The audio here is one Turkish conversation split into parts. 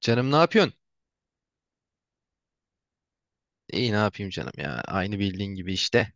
Canım ne yapıyorsun? İyi ne yapayım canım ya. Aynı bildiğin gibi işte.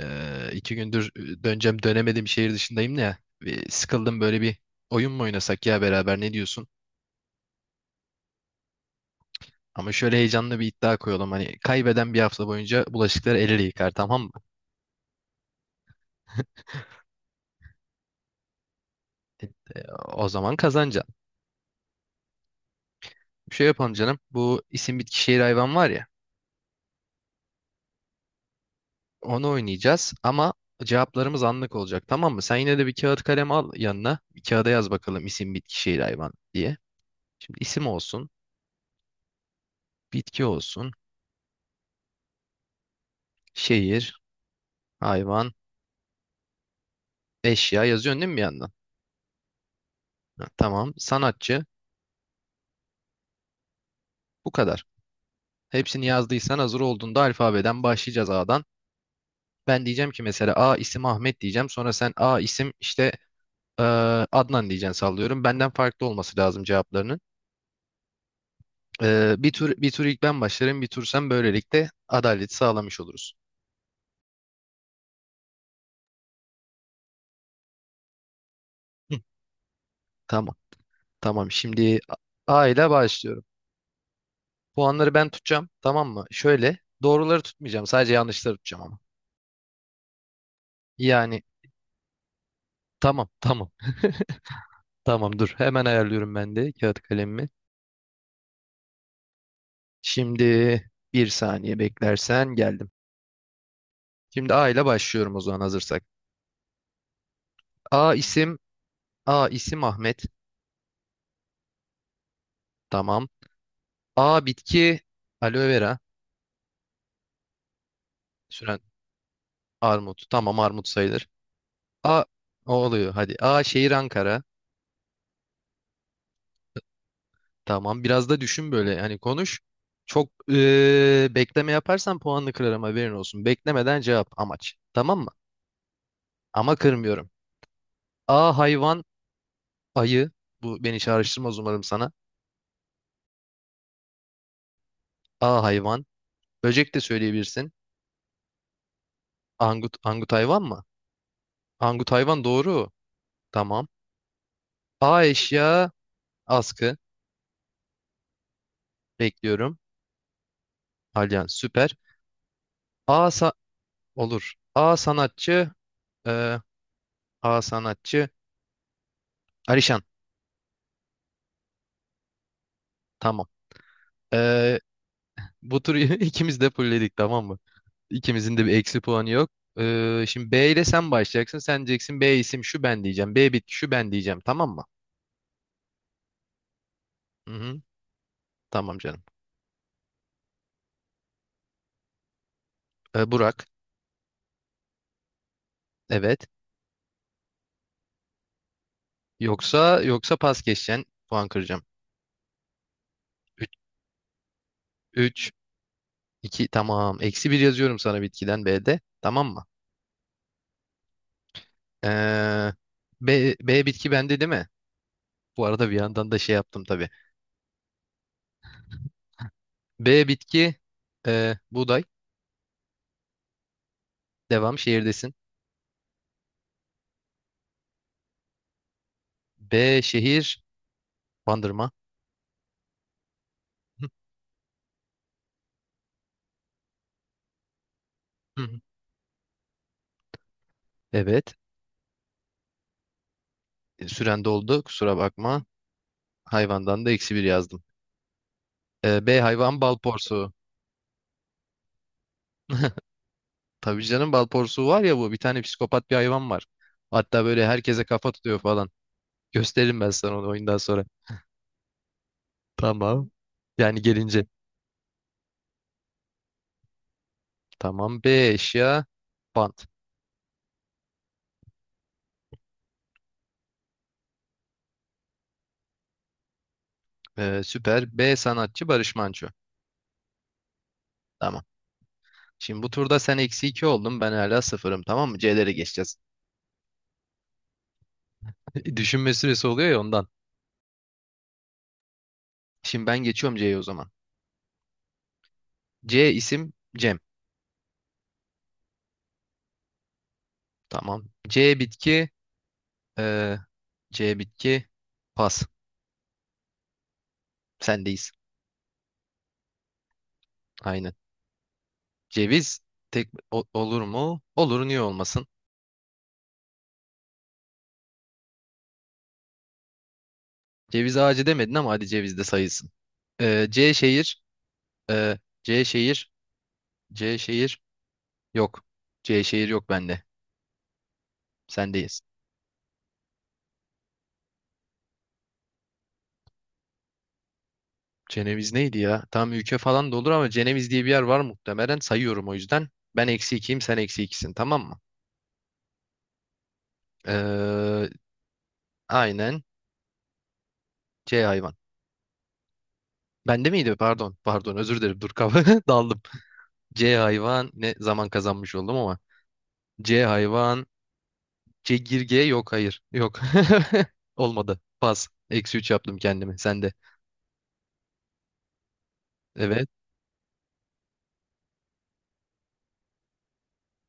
İki gündür döneceğim dönemedim şehir dışındayım da ya. Bir sıkıldım böyle bir oyun mu oynasak ya beraber, ne diyorsun? Ama şöyle heyecanlı bir iddia koyalım. Hani kaybeden bir hafta boyunca bulaşıkları el ele yıkar, tamam mı? O zaman kazanacaksın. Bir şey yapalım canım. Bu isim bitki şehir hayvan var ya. Onu oynayacağız ama cevaplarımız anlık olacak, tamam mı? Sen yine de bir kağıt kalem al yanına. Bir kağıda yaz bakalım isim bitki şehir hayvan diye. Şimdi isim olsun, bitki olsun. Şehir, hayvan, eşya yazıyorsun değil mi bir yandan? Ha, tamam. Sanatçı. Bu kadar. Hepsini yazdıysan hazır olduğunda alfabeden başlayacağız, A'dan. Ben diyeceğim ki mesela A isim Ahmet diyeceğim. Sonra sen A isim işte e, Adnan diyeceksin, sallıyorum. Benden farklı olması lazım cevaplarının. Bir tur ilk ben başlarım, bir tur sen, böylelikle adaleti sağlamış oluruz. Hı, tamam. Tamam. Şimdi A ile başlıyorum. Puanları ben tutacağım. Tamam mı? Şöyle, doğruları tutmayacağım. Sadece yanlışları tutacağım ama. Yani tamam, tamam. Dur. Hemen ayarlıyorum ben de kağıt kalemimi. Şimdi bir saniye beklersen geldim. Şimdi A ile başlıyorum o zaman, hazırsak. A isim, A isim Ahmet. Tamam. A bitki aloe vera. Süren armut. Tamam, armut sayılır. A o oluyor hadi. A şehir Ankara. Tamam biraz da düşün böyle, hani konuş. Çok bekleme yaparsan puanını kırarım, haberin olsun. Beklemeden cevap amaç. Tamam mı? Ama kırmıyorum. A hayvan ayı. Bu beni çağrıştırmaz umarım sana. A hayvan. Böcek de söyleyebilirsin. Angut, angut hayvan mı? Angut hayvan doğru. Tamam. A eşya askı. Bekliyorum. Alyan süper. A sa- olur. A sanatçı. e, A sanatçı. Alişan. Tamam. E, Bu turu ikimiz de fulledik, tamam mı? İkimizin de bir eksi puanı yok. Şimdi B ile sen başlayacaksın. Sen diyeceksin B isim şu, ben diyeceğim B bitki şu, ben diyeceğim. Tamam mı? Hı hı. Tamam canım. Burak. Evet. Yoksa pas geçeceksin. Puan kıracağım. 3 2 tamam. Eksi bir yazıyorum sana bitkiden B'de. Tamam mı? Ee, B, B bitki bende değil mi? Bu arada bir yandan da şey yaptım tabii. B bitki buğday. Devam, şehirdesin. B şehir Bandırma. Hı hı. Evet. Süren doldu. Kusura bakma. Hayvandan da eksi bir yazdım. B hayvan bal porsuğu. Tabii canım, bal porsuğu var ya bu. Bir tane psikopat bir hayvan var. Hatta böyle herkese kafa tutuyor falan. Gösteririm ben sana onu oyundan sonra. Tamam. Yani gelince. Tamam. B eşya. Bant. Süper. B sanatçı Barış Manço. Tamam. Şimdi bu turda sen eksi 2 oldun. Ben hala sıfırım. Tamam mı? C'lere geçeceğiz. Düşünme süresi oluyor ya ondan. Şimdi ben geçiyorum C'ye o zaman. C isim Cem. Tamam. C bitki. ee, C bitki. Pas. Sendeyiz. Aynen. Ceviz. Tek o- olur mu? Olur. Niye olmasın? Ceviz ağacı demedin ama hadi ceviz de sayılsın. C şehir. Ee, C şehir. C şehir. Yok. C şehir yok bende. Sendeyiz. Ceneviz neydi ya? Tam ülke falan da olur ama Ceneviz diye bir yer var muhtemelen. Sayıyorum o yüzden. Ben eksi ikiyim, sen eksi ikisin, tamam mı? Ee, aynen. C hayvan. Bende miydi? Pardon. Pardon, özür dilerim. Dur, kafa daldım. C hayvan. Ne zaman kazanmış oldum ama. C hayvan. Çekirge, yok hayır. Yok. Olmadı. Pas. Eksi 3 yaptım kendimi. Sen de. Evet.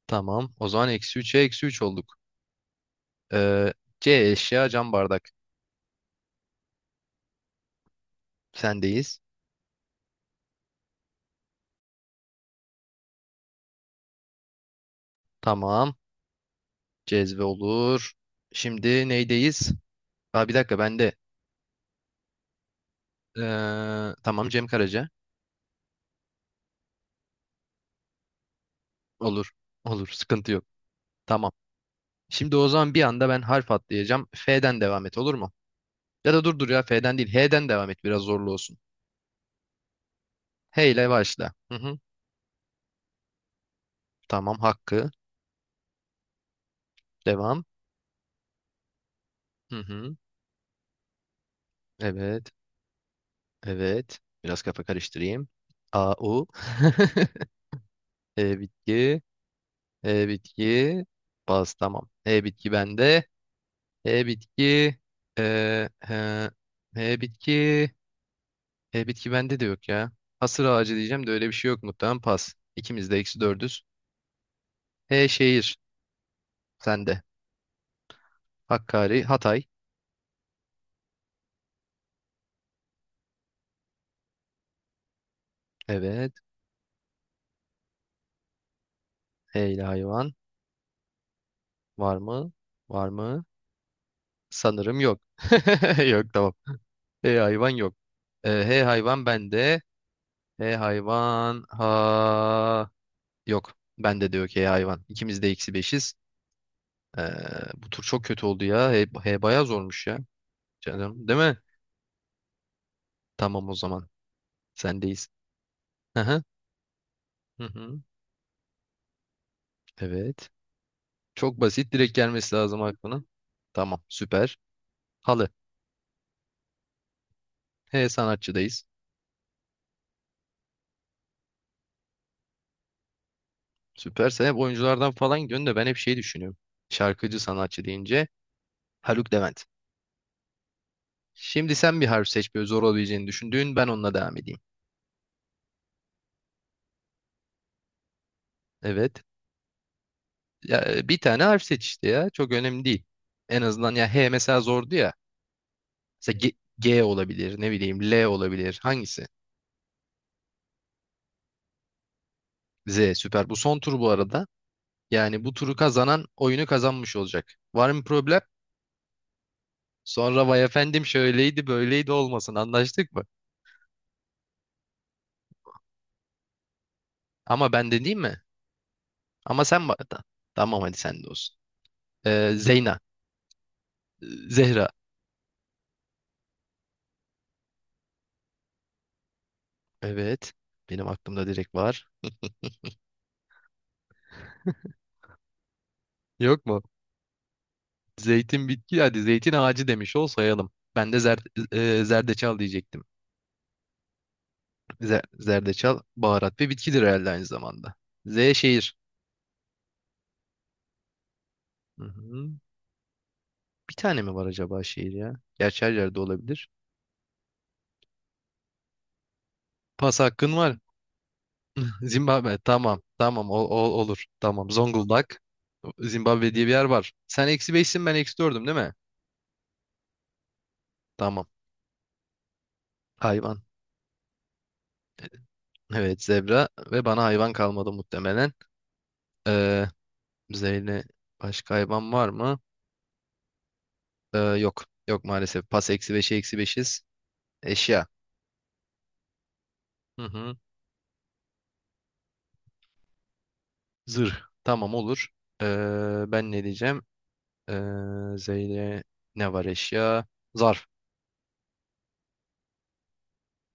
Tamam. O zaman eksi 3'e eksi 3 olduk. Ee, C eşya cam bardak. Sendeyiz. Tamam. Cezve olur. Şimdi neydeyiz? Aa, bir dakika ben de. Tamam, Cem Karaca. Olur. Olur. Sıkıntı yok. Tamam. Şimdi o zaman bir anda ben harf atlayacağım. F'den devam et olur mu? Ya da dur ya, F'den değil. H'den devam et, biraz zorlu olsun. H ile başla. Hı hı. Tamam, Hakkı. Devam. Hı hı. Evet. Evet. Biraz kafa karıştırayım. A, U. E, bitki. E, bitki. Baz. Tamam. E, bitki bende. E, bitki. E, he, bitki. E, bitki bende de yok ya. Hasır ağacı diyeceğim de öyle bir şey yok muhtemelen. Pas. İkimiz de eksi dördüz. E, şehir. Sende. Hakkari. Hatay. Evet. E ile hayvan. Var mı? Var mı? Sanırım yok. Yok tamam. E hayvan yok. H hayvan bende. H hayvan ha, yok. Bende de yok H hayvan. İkimiz de eksi beşiz. E, Bu tur çok kötü oldu ya. H, H bayağı zormuş ya. Canım, değil mi? Tamam o zaman. Sendeyiz. Hı hı. Hı hı. Evet. Çok basit. Direkt gelmesi lazım aklına. Tamam. Süper. Halı. H sanatçıdayız. Süper. Sen hep oyunculardan falan gidiyorsun da ben hep şey düşünüyorum. Şarkıcı sanatçı deyince Haluk Levent. Şimdi sen bir harf seç böyle, zor olabileceğini düşündüğün, ben onunla devam edeyim. Evet. Ya, bir tane harf seç işte ya. Çok önemli değil. En azından ya H mesela zordu ya. Mesela G, G olabilir, ne bileyim L olabilir. Hangisi? Z süper. Bu son tur bu arada. Yani bu turu kazanan oyunu kazanmış olacak. Var mı problem? Sonra vay efendim şöyleydi böyleydi olmasın, anlaştık mı? Ama ben de değil mi? Ama sen bana da. Tamam hadi sen de olsun. Zeyna. Zehra. Evet. Benim aklımda direkt var. Yok mu? Zeytin bitki hadi, zeytin ağacı demiş ol sayalım. Ben de zer, zerdeçal diyecektim. Zer- zerdeçal baharat ve bitkidir herhalde aynı zamanda. Z şehir. Hı hı. Bir tane mi var acaba şehir ya? Gerçi her yerde olabilir. Pas hakkın var. Zimbabwe tamam tamam o, o- olur tamam, Zonguldak, Zimbabwe diye bir yer var. Sen eksi beşsin, ben eksi dördüm değil mi? Tamam hayvan, evet zebra ve bana hayvan kalmadı muhtemelen. Ee, Zeyle başka hayvan var mı? Yok. Yok maalesef. Pas, eksi beşe eksi beşiz. Eşya. Hı hı. Zırh. Tamam olur. Ben ne diyeceğim? Zeyle ne var eşya? Zarf.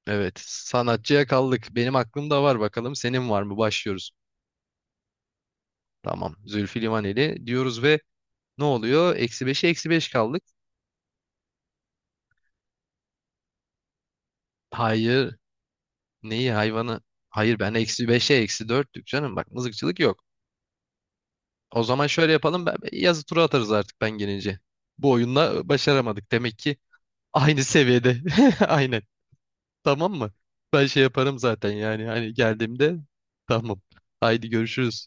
Evet. Sanatçıya kaldık. Benim aklımda var bakalım. Senin var mı? Başlıyoruz. Tamam. Zülfü Livaneli diyoruz ve ne oluyor? Eksi beşe eksi beş kaldık. Hayır. Neyi, hayvanı? Hayır ben eksi beşe eksi dörtlük canım. Bak mızıkçılık yok. O zaman şöyle yapalım. Ben, yazı tura atarız artık ben gelince. Bu oyunda başaramadık. Demek ki aynı seviyede. Aynen. Tamam mı? Ben şey yaparım zaten yani. Hani geldiğimde tamam. Haydi görüşürüz.